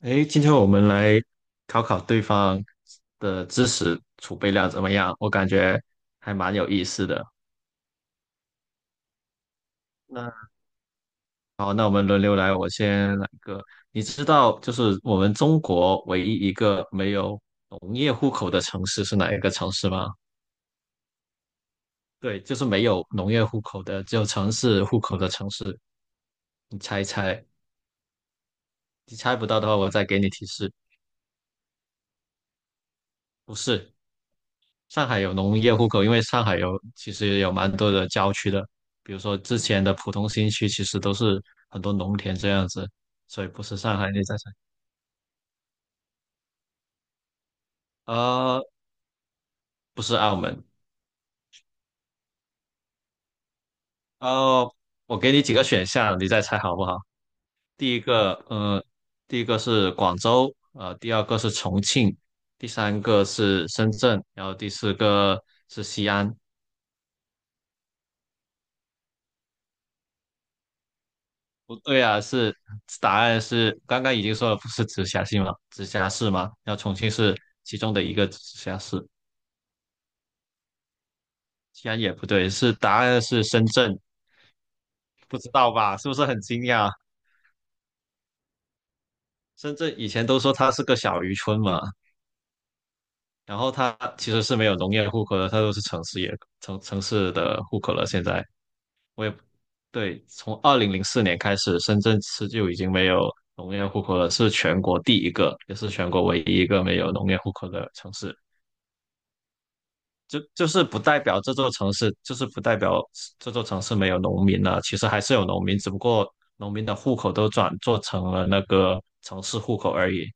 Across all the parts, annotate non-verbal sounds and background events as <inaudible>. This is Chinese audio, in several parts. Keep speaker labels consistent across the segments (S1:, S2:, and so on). S1: 诶，今天我们来考考对方的知识储备量怎么样？我感觉还蛮有意思的。那好，那我们轮流来，我先来一个。你知道，就是我们中国唯一一个没有农业户口的城市是哪一个城市吗？对，就是没有农业户口的，只有城市户口的城市。你猜一猜，你猜不到的话，我再给你提示，不是。上海有农业户口，因为上海其实有蛮多的郊区的，比如说之前的浦东新区，其实都是很多农田这样子，所以不是上海，你再猜，呃，不是澳门，哦，我给你几个选项，你再猜好不好？第一个，呃，第一个是广州，第二个是重庆，第三个是深圳，然后第四个是西安。不对啊，答案是刚刚已经说了，不是直辖市吗？直辖市吗？然后重庆是其中的一个直辖市，西安也不对，答案是深圳，不知道吧？是不是很惊讶？深圳以前都说它是个小渔村嘛，然后它其实是没有农业户口的，它都是城市的户口了。现在我也对，从二零零四年开始，深圳市就已经没有农业户口了，是全国第一个，也是全国唯一一个没有农业户口的城市。就是不代表这座城市，就是不代表这座城市没有农民了。其实还是有农民，只不过农民的户口都转做成了那个城市户口而已。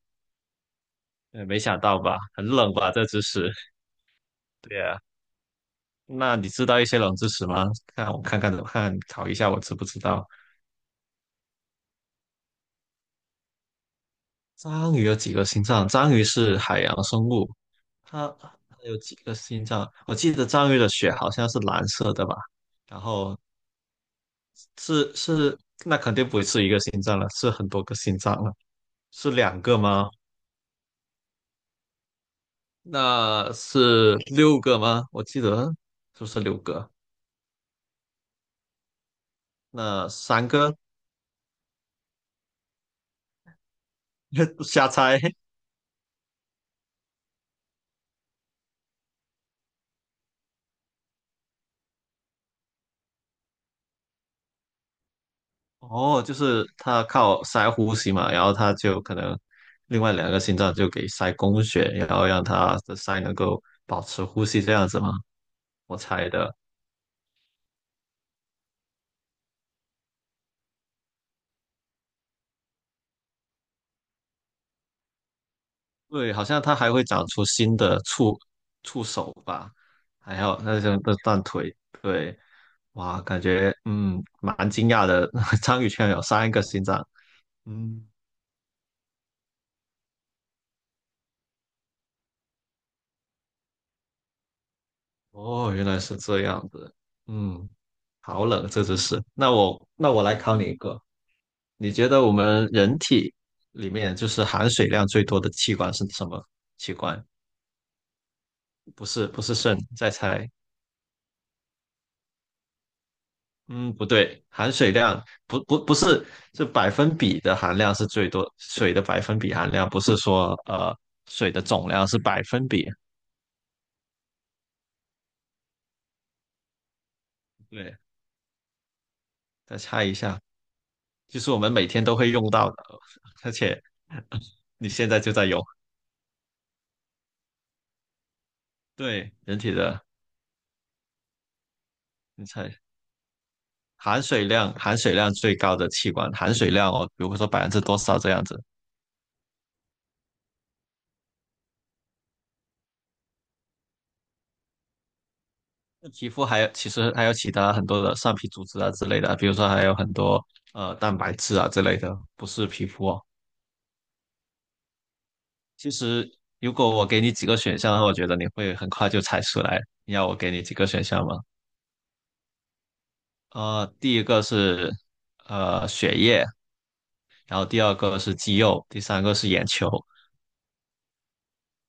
S1: 没想到吧？很冷吧？这知识。<laughs> 对呀、那你知道一些冷知识吗？看我看看考一下我知不知道。章鱼有几个心脏？章鱼是海洋生物，它有几个心脏？我记得章鱼的血好像是蓝色的吧？然后是是，那肯定不是一个心脏了，是很多个心脏了，是两个吗？那是六个吗？我记得是不是六个？那三个 <laughs> 瞎猜哦，就是他靠塞呼吸嘛，然后他就可能另外两个心脏就给塞供血，然后让他的塞能够保持呼吸这样子吗？我猜的。对，好像它还会长出新的触手吧，还有那种的断腿，对，哇，感觉蛮惊讶的，<laughs> 章鱼居然有三个心脏，嗯，哦，原来是这样子，嗯，好冷这只是，那我来考你一个，你觉得我们人体里面就是含水量最多的器官是什么器官？不是不是肾，再猜，嗯，不对，含水量不是，是百分比的含量是最多，水的百分比含量不是说水的总量是百分比。对，再猜一下，就是我们每天都会用到的，而且你现在就在用。对，人体的，你猜含水量最高的器官，含水量哦，比如说百分之多少这样子。那皮肤其实还有其他很多的上皮组织啊之类的啊，比如说还有很多蛋白质啊之类的，不是皮肤哦。其实如果我给你几个选项，我觉得你会很快就猜出来。你要我给你几个选项吗？第一个是血液，然后第二个是肌肉，第三个是眼球。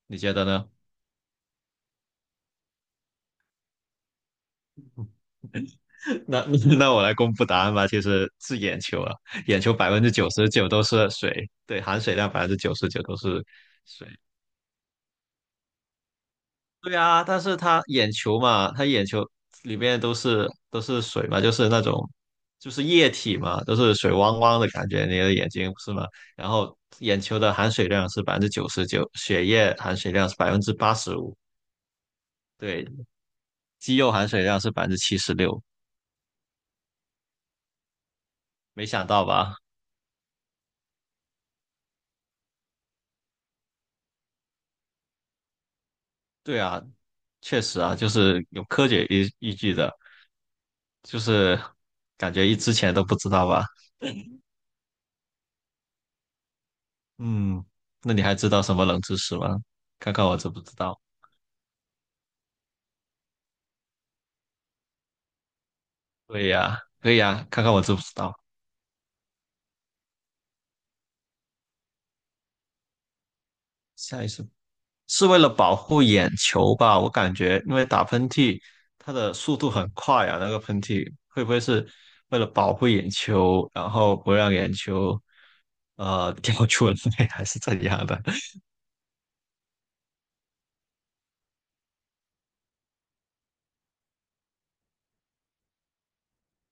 S1: 你觉得呢？<laughs> 那那我来公布答案吧。其实是眼球啊，眼球百分之九十九都是水，对，含水量百分之九十九都是水。对啊，但是他眼球嘛，他眼球里面都是水嘛，就是那种就是液体嘛，都是水汪汪的感觉，你的眼睛不是吗？然后眼球的含水量是百分之九十九，血液含水量是百分之八十五，对，肌肉含水量是百分之七十六，没想到吧？对啊，确实啊，就是有科学依据的，就是感觉一之前都不知道吧？嗯，那你还知道什么冷知识吗？看看我知不知道。对呀，可以呀，看看我知不知道。下一次是为了保护眼球吧？我感觉，因为打喷嚏，它的速度很快啊，那个喷嚏会不会是为了保护眼球，然后不让眼球<laughs> 掉出来，<laughs> 还是怎样的？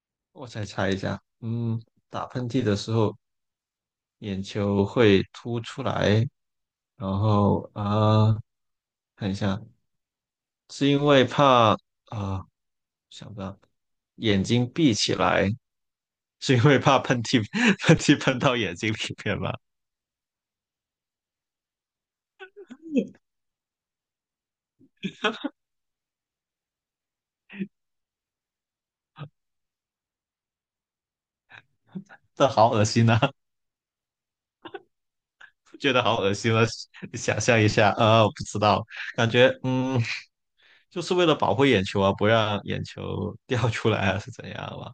S1: <laughs> 我再猜一下，嗯，打喷嚏的时候眼球会凸出来，然后啊、呃看一下，是因为怕啊、想不到眼睛闭起来。是因为怕喷嚏喷到眼睛里面吗？<laughs> 这好恶心啊！<laughs> 觉得好恶心了，你想象一下，我不知道，感觉就是为了保护眼球啊，不让眼球掉出来啊，是怎样吧？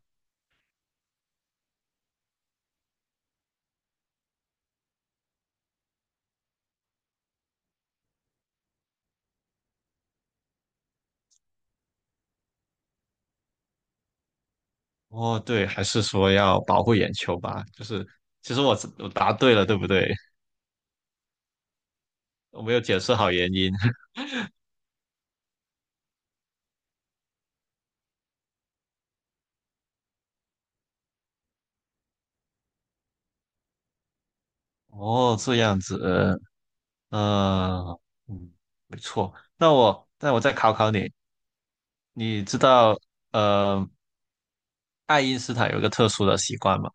S1: 哦，对，还是说要保护眼球吧？就是其实我答对了，对不对？我没有解释好原因。哦，这样子，呃，嗯，错。那我再考考你，你知道呃爱因斯坦有一个特殊的习惯嘛？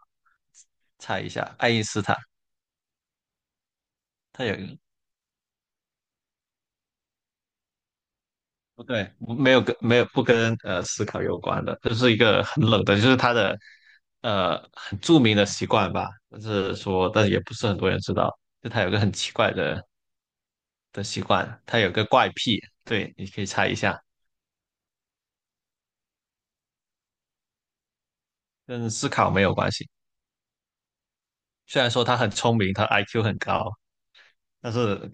S1: 猜一下，爱因斯坦他有一个不对，没有跟没有不跟思考有关的，就是一个很冷的，就是他的很著名的习惯吧，就是说，但也不是很多人知道，就他有个很奇怪的习惯，他有个怪癖，对，你可以猜一下，跟思考没有关系。虽然说他很聪明，他 IQ 很高，但是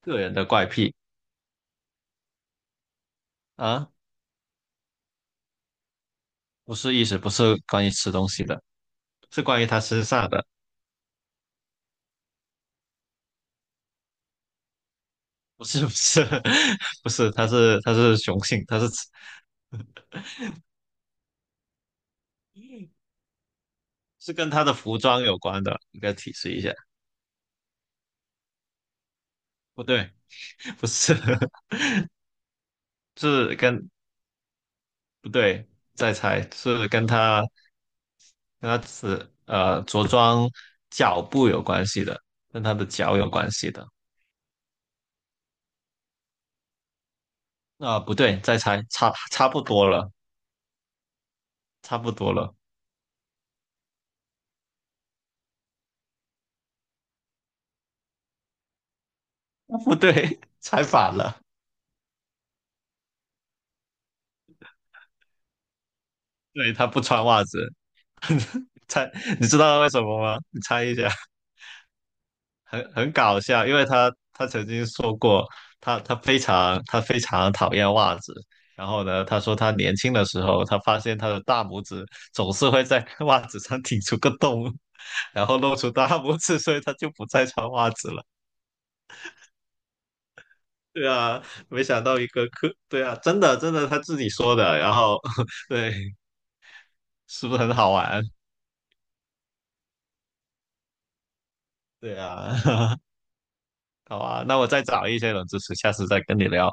S1: 个人的怪癖啊，不是关于吃东西的，是关于他身上的。不是不是 <laughs> 不是，它是雄性，它是跟它的服装有关的，应该提示一下。不对，不是 <laughs>，是跟不对，再猜是跟它是着装脚步有关系的，跟它的脚有关系的。啊、不对，再猜，差不多了，差不多了，不对，<laughs> 猜反了。对，它不穿袜子，猜，你知道为什么吗？你猜一下。很搞笑，因为他曾经说过，他非常讨厌袜子。然后呢，他说他年轻的时候，他发现他的大拇指总是会在 <laughs> 袜子上顶出个洞，然后露出大拇指，所以他就不再穿袜子了。对啊，没想到一个科，对啊，真的他自己说的。然后 <laughs> 对，是不是很好玩？对啊，<laughs> 好啊，那我再找一些冷知识，下次再跟你聊。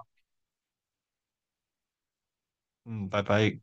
S1: 嗯，拜拜。